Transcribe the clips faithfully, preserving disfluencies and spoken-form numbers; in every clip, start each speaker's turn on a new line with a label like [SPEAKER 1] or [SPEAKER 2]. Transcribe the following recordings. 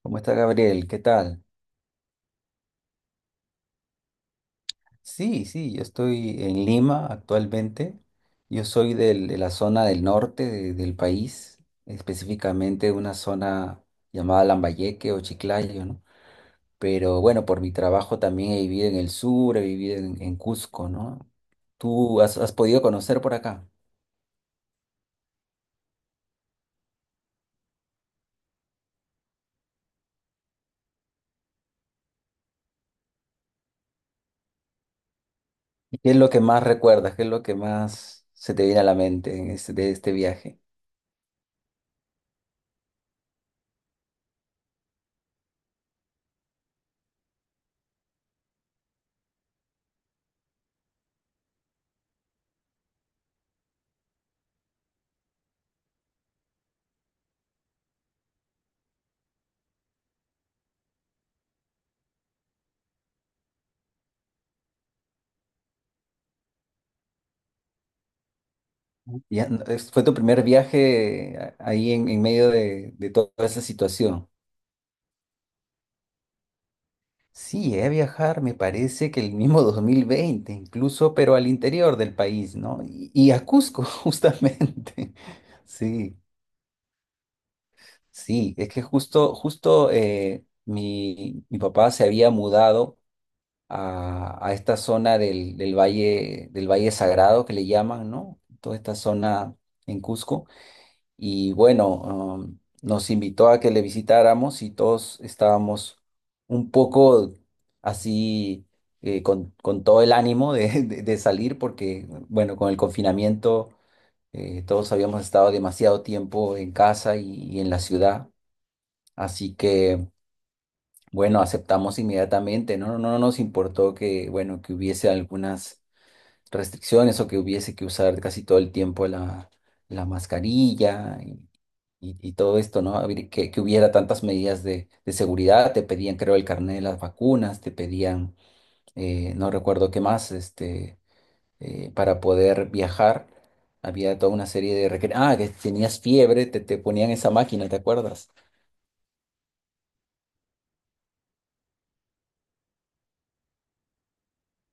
[SPEAKER 1] ¿Cómo está Gabriel? ¿Qué tal? Sí, sí, yo estoy en Lima actualmente. Yo soy del- de la zona del norte de- del país, específicamente una zona llamada Lambayeque o Chiclayo, ¿no? Pero bueno, por mi trabajo también he vivido en el sur, he vivido en, en Cusco, ¿no? ¿Tú has, has podido conocer por acá? ¿Y qué es lo que más recuerdas? ¿Qué es lo que más se te viene a la mente en este- de este viaje? Ya, es- fue tu primer viaje a- ahí en, en medio de, de toda esa situación. Sí, llegué a viajar, me parece que el mismo dos mil veinte, incluso, pero al interior del país, ¿no? Y, y a Cusco, justamente. Sí, sí, es que justo, justo eh, mi, mi papá se había mudado a, a esta zona del, del Valle, del Valle Sagrado que le llaman, ¿no? Toda esta zona en Cusco. y bueno, um, nos invitó a que le visitáramos y todos estábamos un poco así eh, con, con todo el ánimo de, de- de salir porque, bueno, con el confinamiento eh, todos habíamos estado demasiado tiempo en casa y, y en la ciudad, así que, bueno, aceptamos inmediatamente, no, no, no no nos importó que, bueno, que hubiese algunas restricciones o que hubiese que usar casi todo el tiempo la, la mascarilla y, y todo esto, ¿no? Habría- Que, que hubiera tantas medidas de, de seguridad, te pedían, creo, el carnet de las vacunas, te pedían, eh, no recuerdo qué más, este, eh, para poder viajar, había toda una serie de requer- Ah, que tenías fiebre, te, te ponían esa máquina, ¿te acuerdas?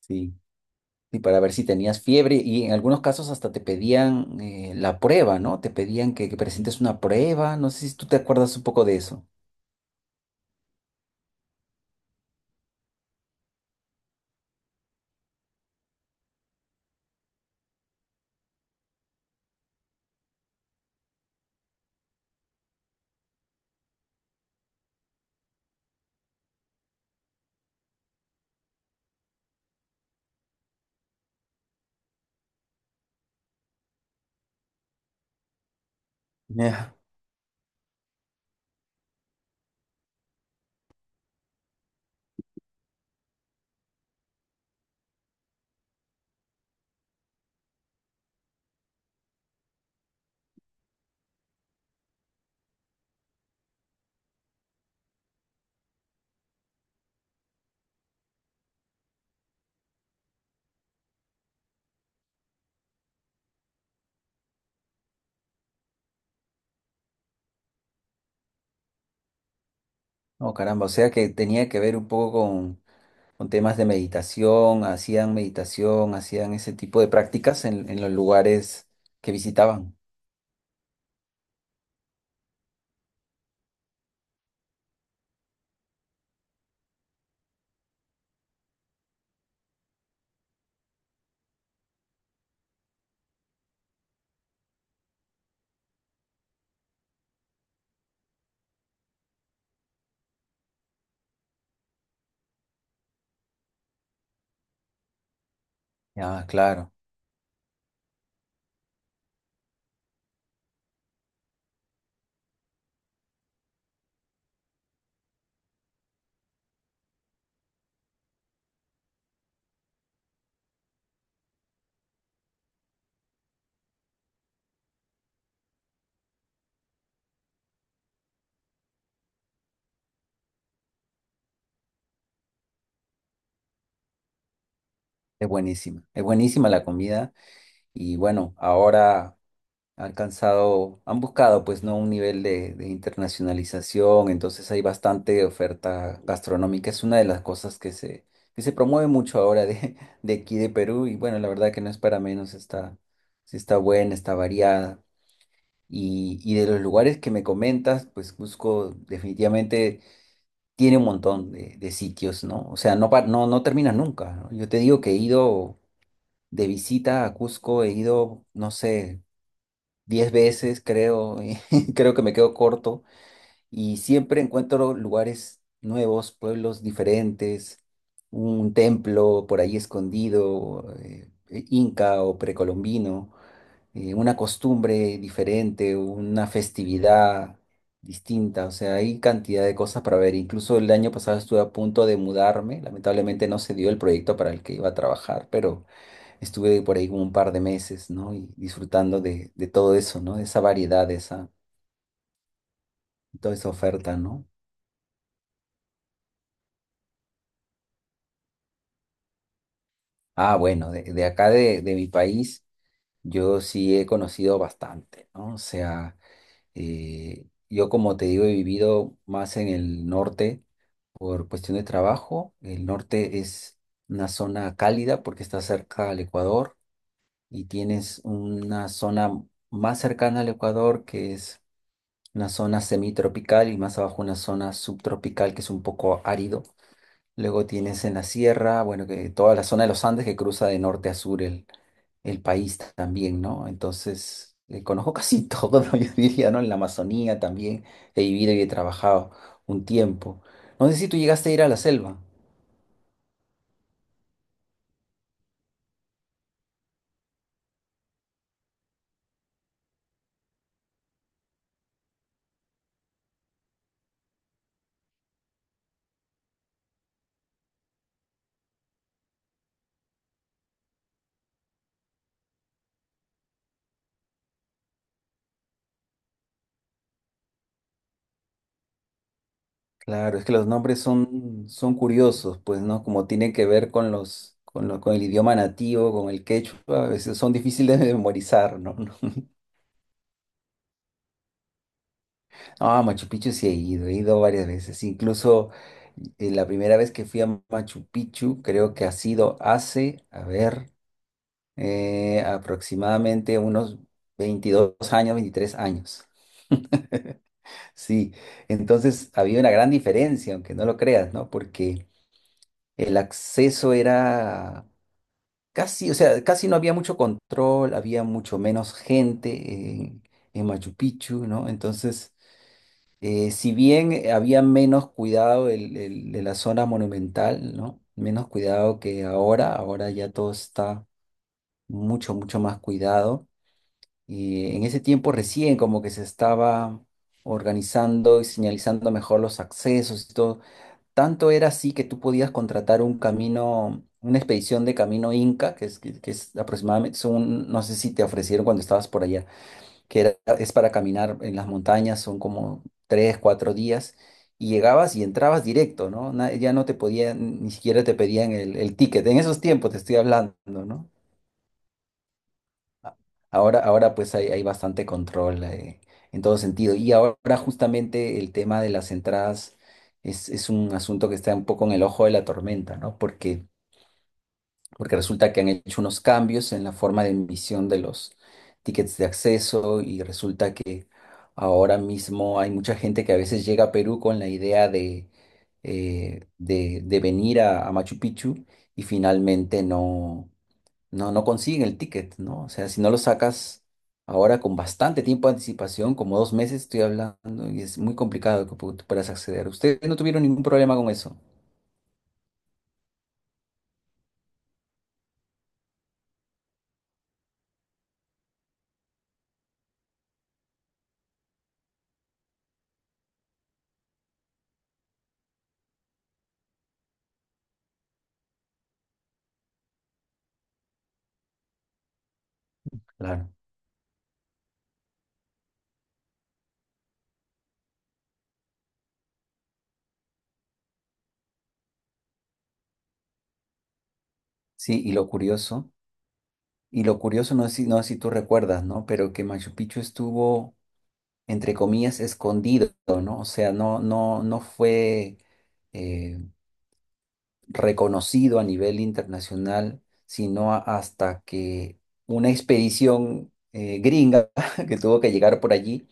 [SPEAKER 1] Sí. Y para ver si tenías fiebre, y en algunos casos hasta te pedían eh, la prueba, ¿no? Te pedían que, que presentes una prueba, no sé si tú te acuerdas un poco de eso. Ya. Oh, caramba, o sea que tenía que ver un poco con temas de meditación, hacían meditación, hacían ese tipo de prácticas en, en los lugares que visitaban. Ah, claro, es buenísima, es buenísima la comida. Y bueno, ahora han alcanzado, han buscado pues no un nivel de, de internacionalización, entonces hay bastante oferta gastronómica, es una de las cosas que se, que se promueve mucho ahora de, de aquí de Perú. Y bueno, la verdad que no es para menos, está, sí, está buena, está variada. Y, y de los lugares que me comentas, pues Cusco definitivamente tiene un montón de, de sitios, ¿no? O sea, no, pa- no, no termina nunca, ¿no? Yo te digo que he ido de visita a Cusco, he ido, no sé, diez veces, creo, y creo que me quedo corto. Y siempre encuentro lugares nuevos, pueblos diferentes, un templo por ahí escondido, eh, inca o precolombino, eh, una costumbre diferente, una festividad distinta, o sea, hay cantidad de cosas para ver. Incluso el año pasado estuve a punto de mudarme, lamentablemente no se dio el proyecto para el que iba a trabajar, pero estuve por ahí como un par de meses, ¿no? Y disfrutando de, de todo eso, ¿no? De esa variedad, de esa, toda esa oferta, ¿no? Ah, bueno, de, de acá de, de mi país, yo sí he conocido bastante, ¿no? O sea, eh, yo como te digo, he vivido más en el norte por cuestión de trabajo. El norte es una zona cálida porque está cerca al Ecuador, y tienes una zona más cercana al Ecuador que es una zona semitropical y más abajo una zona subtropical que es un poco árido. Luego tienes en la sierra, bueno, que toda la zona de los Andes que cruza de norte a sur el, el país también, ¿no? Entonces, eh, conozco casi todo, ¿no? Yo diría, ¿no? En la Amazonía también he vivido y he trabajado un tiempo. No sé si tú llegaste a ir a la selva. Claro, es que los nombres son, son curiosos, pues, ¿no? Como tienen que ver con los, con lo- con el idioma nativo, con el quechua, a veces son difíciles de memorizar, ¿no? Ah, Machu Picchu sí he ido, he ido varias veces. Incluso eh, la primera vez que fui a Machu Picchu, creo que ha sido hace, a ver, eh, aproximadamente unos veintidós años, veintitrés años. Sí, entonces había una gran diferencia, aunque no lo creas, ¿no? Porque el acceso era Casi, o sea, casi no había mucho control, había mucho menos gente en, en Machu Picchu, ¿no? Entonces, eh, si bien eh, había menos cuidado el- el- de la zona monumental, ¿no? Menos cuidado que ahora, ahora ya todo está mucho, mucho más cuidado. Y en ese tiempo recién como que se estaba organizando y señalizando mejor los accesos y todo. Tanto era así que tú podías contratar un camino, una expedición de camino Inca, que es, que, que es aproximadamente, son, no sé si te ofrecieron cuando estabas por allá, que era, es para caminar en las montañas, son como tres, cuatro días, y llegabas y entrabas directo, ¿no? Na- ya no te podían, ni siquiera te pedían el, el ticket. En esos tiempos te estoy hablando, ¿no? Ahora, ahora pues hay, hay bastante control, eh, en todo sentido. Y ahora justamente el tema de las entradas es, es un asunto que está un poco en el ojo de la tormenta, ¿no? Porque, porque resulta que han hecho unos cambios en la forma de emisión de los tickets de acceso y resulta que ahora mismo hay mucha gente que a veces llega a Perú con la idea de, eh, de, de venir a, a Machu Picchu y finalmente no no, no consiguen el ticket, ¿no? O sea, si no lo sacas ahora con bastante tiempo de anticipación, como dos meses estoy hablando, y es muy complicado que pu- tú puedas acceder. Ustedes no tuvieron ningún problema con eso. Claro. Sí, y lo curioso, y lo curioso no es si, no es si tú recuerdas, ¿no? Pero que Machu Picchu estuvo, entre comillas, escondido, ¿no? O sea, no, no, no fue. eh, reconocido a nivel internacional, sino a- hasta que una expedición eh, gringa que tuvo que llegar por allí,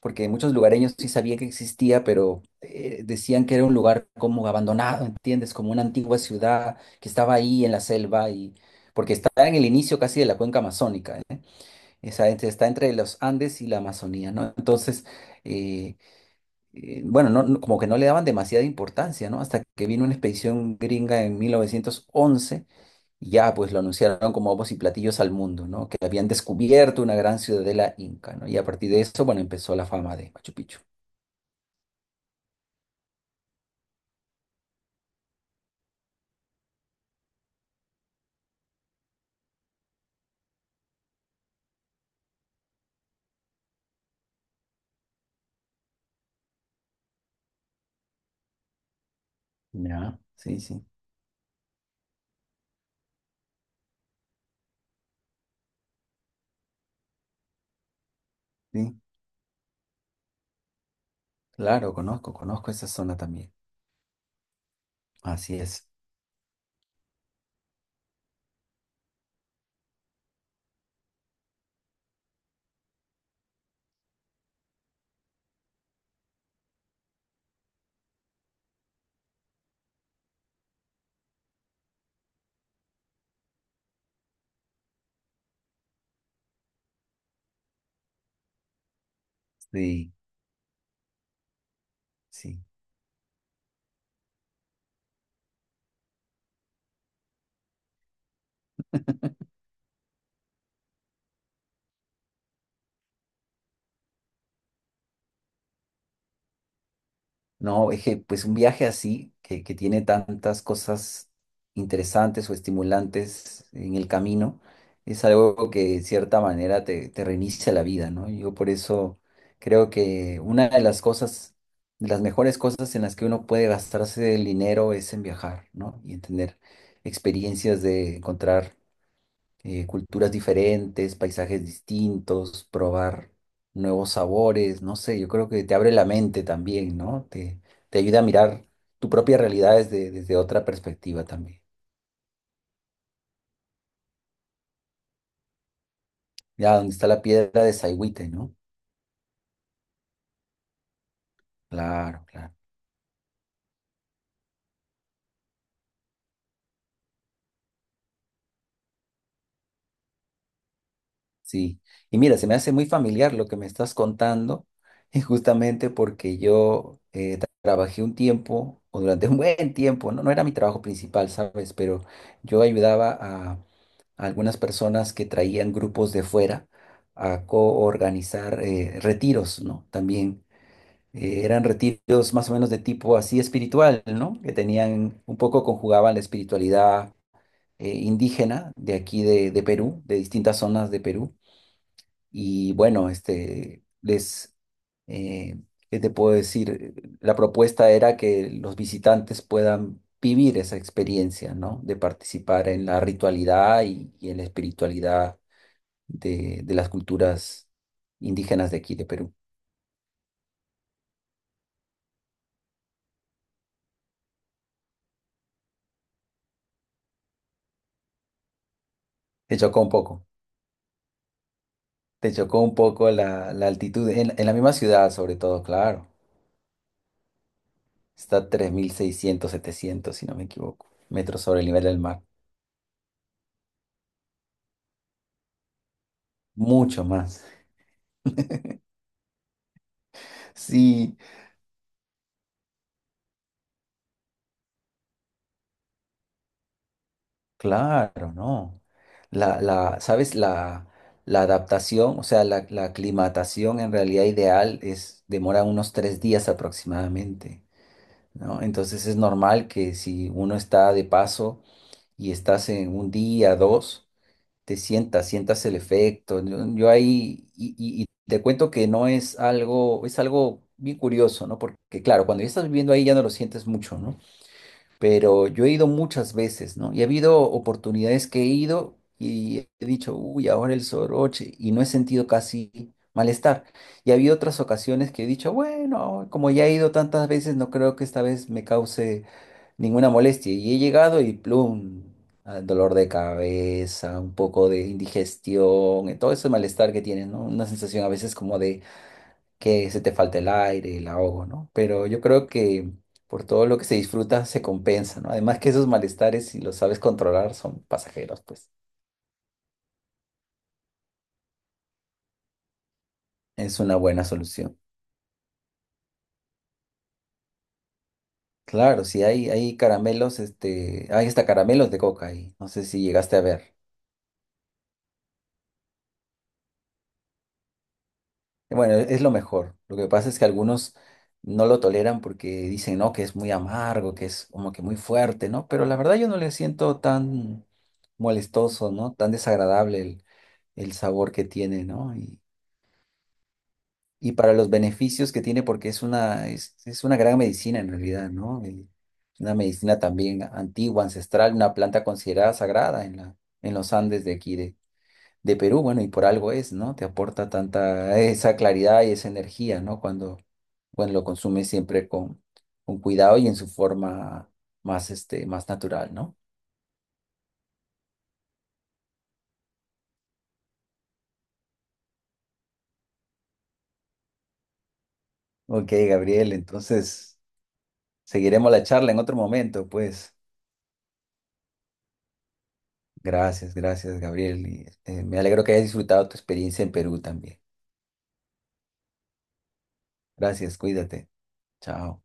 [SPEAKER 1] porque muchos lugareños sí sabían que existía, pero eh, decían que era un lugar como abandonado, ¿entiendes? Como una antigua ciudad que estaba ahí en la selva y porque está en el inicio casi de la cuenca amazónica, ¿eh? Esa- entre- está entre los Andes y la Amazonía, ¿no? Entonces, eh, eh, bueno, no, no- como que no le daban demasiada importancia, ¿no? Hasta que vino una expedición gringa en mil novecientos once y ya pues lo anunciaron como bombos y platillos al mundo, ¿no? Que habían descubierto una gran ciudadela inca, ¿no? Y a partir de eso, bueno, empezó la fama de Machu Picchu. Ya, sí, sí, sí. Claro, conozco, conozco esa zona también. Así es. Sí, sí. No, es que, pues un viaje así, que, que tiene tantas cosas interesantes o estimulantes en el camino, es algo que de cierta manera te, te reinicia la vida, ¿no? Yo por eso creo que una de las cosas, de las mejores cosas en las que uno puede gastarse el dinero es en viajar, ¿no? Y en tener experiencias de encontrar eh, culturas diferentes, paisajes distintos, probar nuevos sabores, no sé, yo creo que te abre la mente también, ¿no? Te, te ayuda a mirar tu propia realidad desde, desde otra perspectiva también. Ya, donde está la piedra de Saigüite, ¿no? Claro, claro, sí. Y mira, se me hace muy familiar lo que me estás contando, y justamente porque yo eh, tra- trabajé un tiempo, o durante un buen tiempo, ¿no? No era mi trabajo principal, ¿sabes? Pero yo ayudaba algunas personas que traían grupos de fuera a coorganizar eh, retiros, ¿no? También eh, eran retiros más o menos de tipo así espiritual, ¿no? Que tenían, un poco conjugaban la espiritualidad eh, indígena de aquí de, de Perú, de distintas zonas de Perú. Y bueno, este, les, eh, ¿qué te puedo decir? La propuesta era que los visitantes puedan vivir esa experiencia, ¿no? De participar en la ritualidad y y en la espiritualidad de, de las culturas indígenas de aquí, de Perú. Te chocó un poco, te chocó un poco la, la altitud, en, en la misma ciudad sobre todo, claro. Está a tres mil seiscientos setecientos si no me equivoco, metros sobre el nivel del mar. Mucho más. Sí, claro, ¿no? La, la, ¿sabes? La, la adaptación, o sea, la, la aclimatación en realidad ideal es, demora unos tres días aproximadamente, ¿no? Entonces es normal que si uno está de paso y estás en un día, dos, te sientas, sientas el efecto. Yo, yo ahí, y, y- y te cuento que no es algo, es algo bien curioso, ¿no? Porque claro, cuando ya estás viviendo ahí ya no lo sientes mucho, ¿no? Pero yo he ido muchas veces, ¿no? Y ha habido oportunidades que he ido y he dicho, uy, ahora el soroche, y no he sentido casi malestar. Y ha habido otras ocasiones que he dicho, bueno, como ya he ido tantas veces, no creo que esta vez me cause ninguna molestia. Y he llegado y plum, ah, dolor de cabeza, un poco de indigestión, eh, todo ese malestar que tienes, ¿no? Una sensación a veces como de que se te falta el aire, el ahogo, ¿no? Pero yo creo que por todo lo que se disfruta se compensa, ¿no? Además que esos malestares, si los sabes controlar, son pasajeros, pues es una buena solución. Claro, si hay, hay caramelos, este, hay hasta caramelos de coca ahí. No sé si llegaste a ver. Bueno, e-, es lo mejor. Lo que pasa es que algunos no lo toleran porque dicen, no, que es muy amargo, que es como que muy fuerte, ¿no? Pero la verdad yo no le siento tan molestoso, ¿no? Tan desagradable el, el sabor que tiene, ¿no? Y, y para los beneficios que tiene, porque es una, es, es una gran medicina en realidad, ¿no? Y una medicina también antigua, ancestral, una planta considerada sagrada en la, en los Andes de aquí de Perú, bueno, y por algo es, ¿no? Te aporta tanta esa claridad y esa energía, ¿no? Cuando, cuando lo consumes siempre con, con cuidado y en su forma más, este, más natural, ¿no? Ok, Gabriel, entonces seguiremos la charla en otro momento, pues. Gracias, gracias, Gabriel. y, eh, me alegro que hayas disfrutado tu experiencia en Perú también. Gracias, cuídate. Chao.